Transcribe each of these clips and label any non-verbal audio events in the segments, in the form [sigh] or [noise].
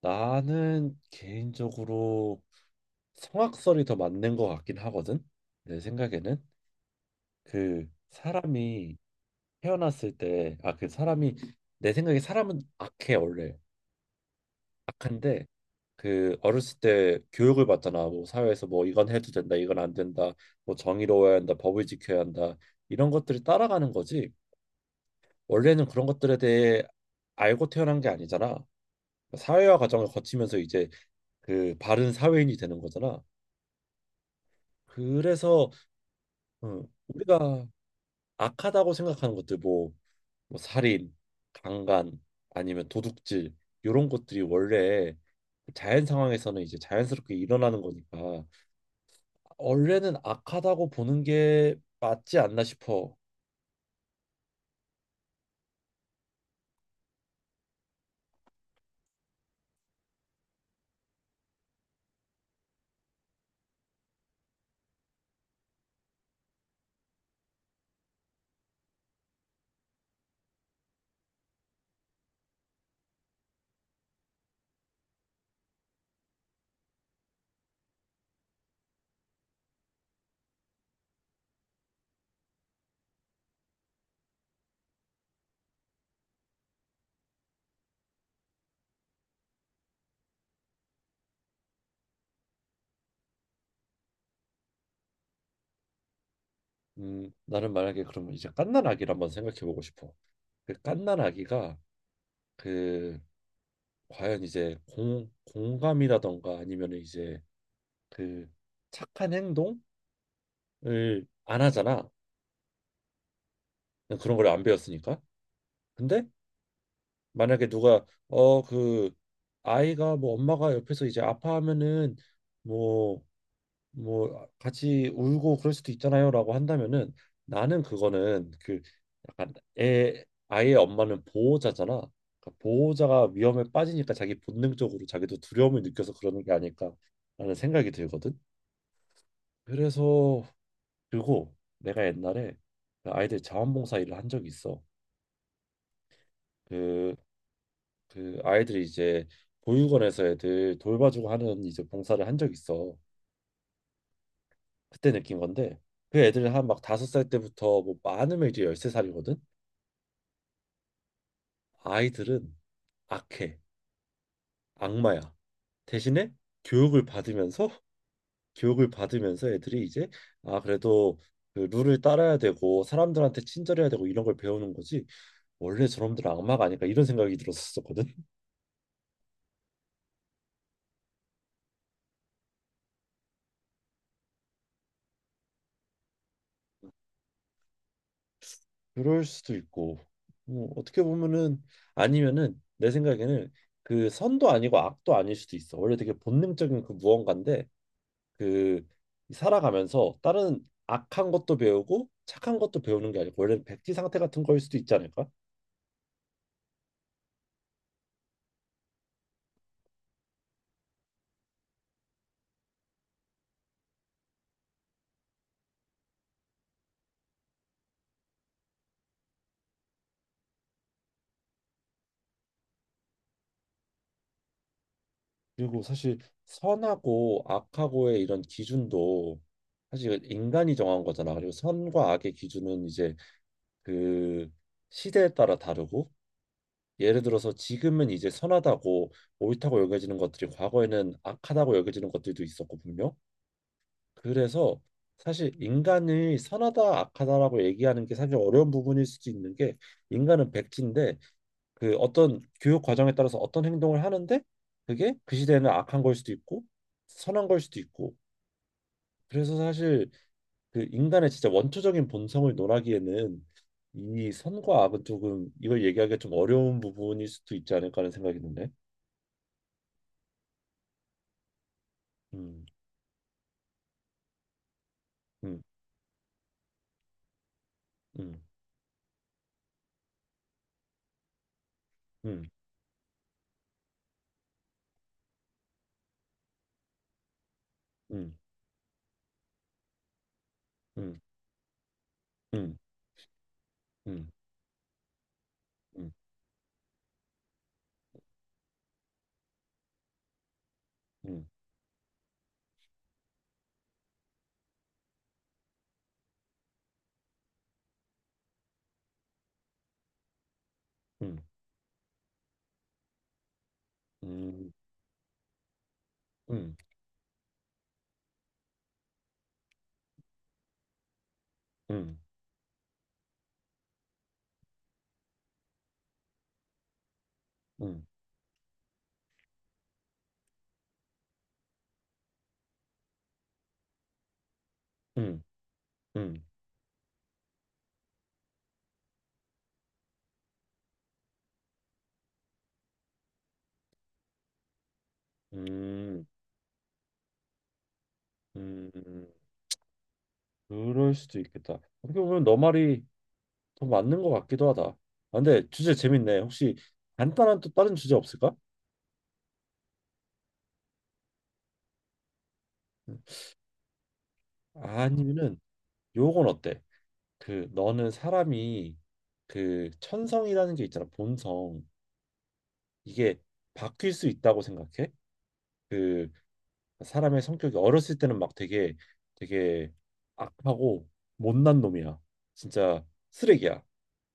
나는 개인적으로 성악설이 더 맞는 것 같긴 하거든. 내 생각에는 그 사람이 태어났을 때, 아, 그 사람이, 내 생각에 사람은 악해 원래. 악한데 그 어렸을 때 교육을 받잖아. 뭐 사회에서, 뭐 이건 해도 된다, 이건 안 된다, 뭐 정의로워야 한다, 법을 지켜야 한다, 이런 것들을 따라가는 거지. 원래는 그런 것들에 대해 알고 태어난 게 아니잖아. 사회화 과정을 거치면서 이제 그 바른 사회인이 되는 거잖아. 그래서 어, 우리가 악하다고 생각하는 것들, 뭐, 뭐 살인, 강간, 아니면 도둑질, 이런 것들이 원래 자연 상황에서는 이제 자연스럽게 일어나는 거니까 원래는 악하다고 보는 게 맞지 않나 싶어. 나는 만약에 그러면 이제 갓난 아기를 한번 생각해 보고 싶어. 그 갓난 아기가 그 과연 이제 공 공감이라던가 아니면 이제 그 착한 행동을 안 하잖아. 그런 걸 안 배웠으니까. 근데 만약에 누가 그 아이가, 뭐 엄마가 옆에서 이제 아파하면은, 뭐, 뭐 같이 울고 그럴 수도 있잖아요라고 한다면은, 나는 그거는 그 약간 애 아이의 엄마는 보호자잖아. 그러니까 보호자가 위험에 빠지니까 자기 본능적으로 자기도 두려움을 느껴서 그러는 게 아닐까라는 생각이 들거든. 그래서 그리고 내가 옛날에 그 아이들 자원봉사 일을 한 적이 있어. 그 그 아이들이 이제 보육원에서 애들 돌봐주고 하는 이제 봉사를 한 적 있어. 그때 느낀 건데, 그 애들 한 막 5살 때부터 뭐 많으면 이제 열세 살이거든. 아이들은 악해, 악마야. 대신에 교육을 받으면서 [laughs] 교육을 받으면서 애들이 이제, 아, 그래도 그 룰을 따라야 되고 사람들한테 친절해야 되고 이런 걸 배우는 거지. 원래 저놈들은 악마가 아닐까, 이런 생각이 들었었거든. 그럴 수도 있고, 뭐, 어떻게 보면은, 아니면은, 내 생각에는 그 선도 아니고 악도 아닐 수도 있어. 원래 되게 본능적인 그 무언가인데, 그 살아가면서 다른 악한 것도 배우고 착한 것도 배우는 게 아니고 원래는 백지 상태 같은 거일 수도 있지 않을까. 그리고 사실 선하고 악하고의 이런 기준도 사실 인간이 정한 거잖아. 그리고 선과 악의 기준은 이제 그 시대에 따라 다르고, 예를 들어서 지금은 이제 선하다고 옳다고 여겨지는 것들이 과거에는 악하다고 여겨지는 것들도 있었고, 분명. 그래서 사실 인간이 선하다 악하다라고 얘기하는 게 사실 어려운 부분일 수도 있는 게, 인간은 백지인데 그 어떤 교육 과정에 따라서 어떤 행동을 하는데 그게 그 시대에는 악한 걸 수도 있고 선한 걸 수도 있고. 그래서 사실 그 인간의 진짜 원초적인 본성을 논하기에는 이 선과 악은 조금, 이걸 얘기하기가 좀 어려운 부분일 수도 있지 않을까 하는 생각이 드네. 음, 음, 음, 음, 음, 음, 음, 음, 음, 음, 음, 음, 음, 음, 음, 음, 음, 음, 음. 그럴 수도 있겠다. 어떻게 보면 너 말이 더 맞는 것 같기도 하다. 아, 근데 주제 재밌네. 혹시 간단한 또 다른 주제 없을까? 음. 아니면은, 요건 어때? 그 너는 사람이, 그 천성이라는 게 있잖아, 본성. 이게 바뀔 수 있다고 생각해? 그 사람의 성격이 어렸을 때는 막 되게 되게 악하고 못난 놈이야. 진짜 쓰레기야.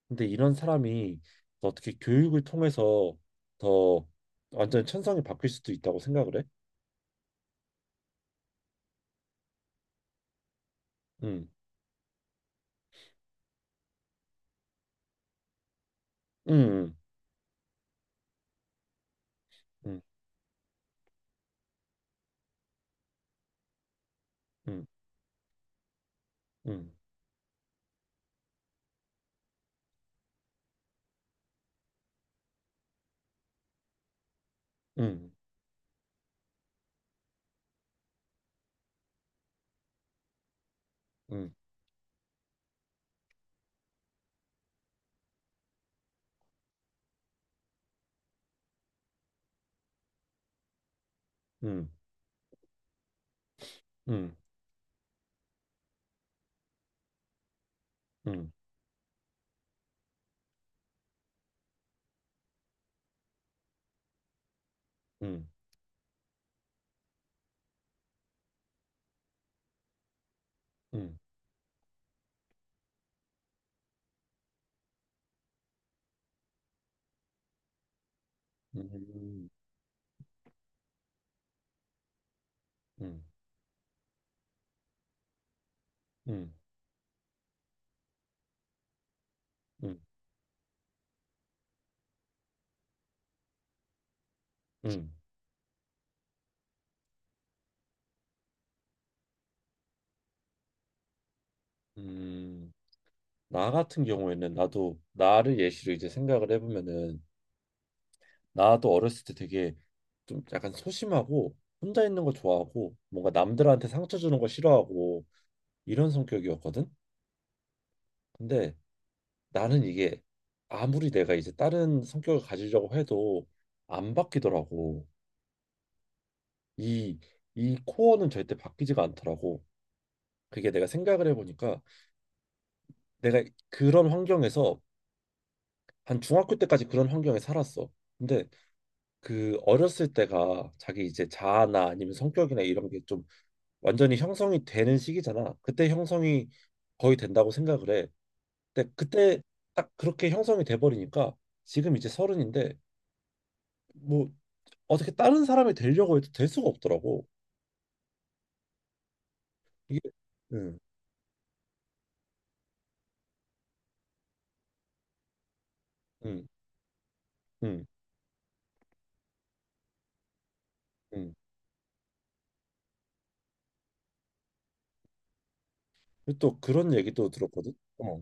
근데 이런 사람이 어떻게 교육을 통해서 더 완전 천성이 바뀔 수도 있다고 생각을 해? 응, 응, 응, 응, 응, 응, 응, 응, 응, 응, 응, 응, 응, 응, 응, 응, 응. 응. 음, 나 같은 경우에는 나도 나를 예시로 이제 생각을 해보면은, 나도 어렸을 때 되게 좀 약간 소심하고 혼자 있는 거 좋아하고 뭔가 남들한테 상처 주는 거 싫어하고 이런 성격이었거든. 근데 나는 이게 아무리 내가 이제 다른 성격을 가지려고 해도 안 바뀌더라고. 이 이 코어는 절대 바뀌지가 않더라고. 그게 내가 생각을 해보니까, 내가 그런 환경에서, 한 중학교 때까지 그런 환경에 살았어. 근데 그 어렸을 때가 자기, 이제 자아나 아니면 성격이나 이런 게좀 완전히 형성이 되는 시기잖아. 그때 형성이 거의 된다고 생각을 해. 근데 그때 딱 그렇게 형성이 돼버리니까 지금 이제 서른인데, 뭐, 어떻게 다른 사람이 되려고 해도 될 수가 없더라고. 이게, 음, 음, 음, 음. 그리고 또 그런 얘기도 들었거든. 어,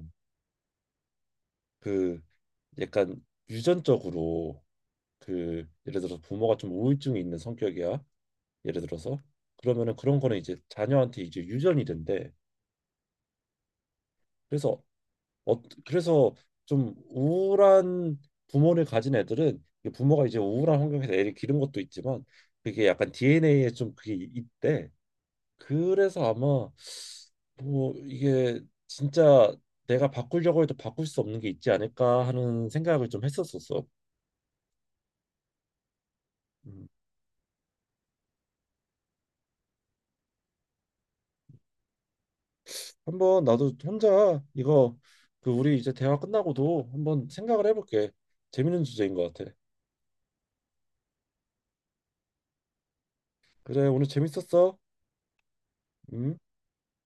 그 약간 유전적으로, 그 예를 들어서 부모가 좀 우울증이 있는 성격이야, 예를 들어서. 그러면은 그런 거는 이제 자녀한테 이제 유전이 된대. 그래서 그래서 좀 우울한 부모를 가진 애들은, 이 부모가 이제 우울한 환경에서 애를 기른 것도 있지만, 그게 약간 DNA에 좀, 그게 있대. 그래서 아마 뭐 이게, 진짜 내가 바꾸려고 해도 바꿀 수 없는 게 있지 않을까 하는 생각을 좀 했었었어. 음. 한번 나도 혼자 이거, 그 우리 이제 대화 끝나고도 한번 생각을 해볼게. 재밌는 주제인 것 같아. 그래, 오늘 재밌었어. 음.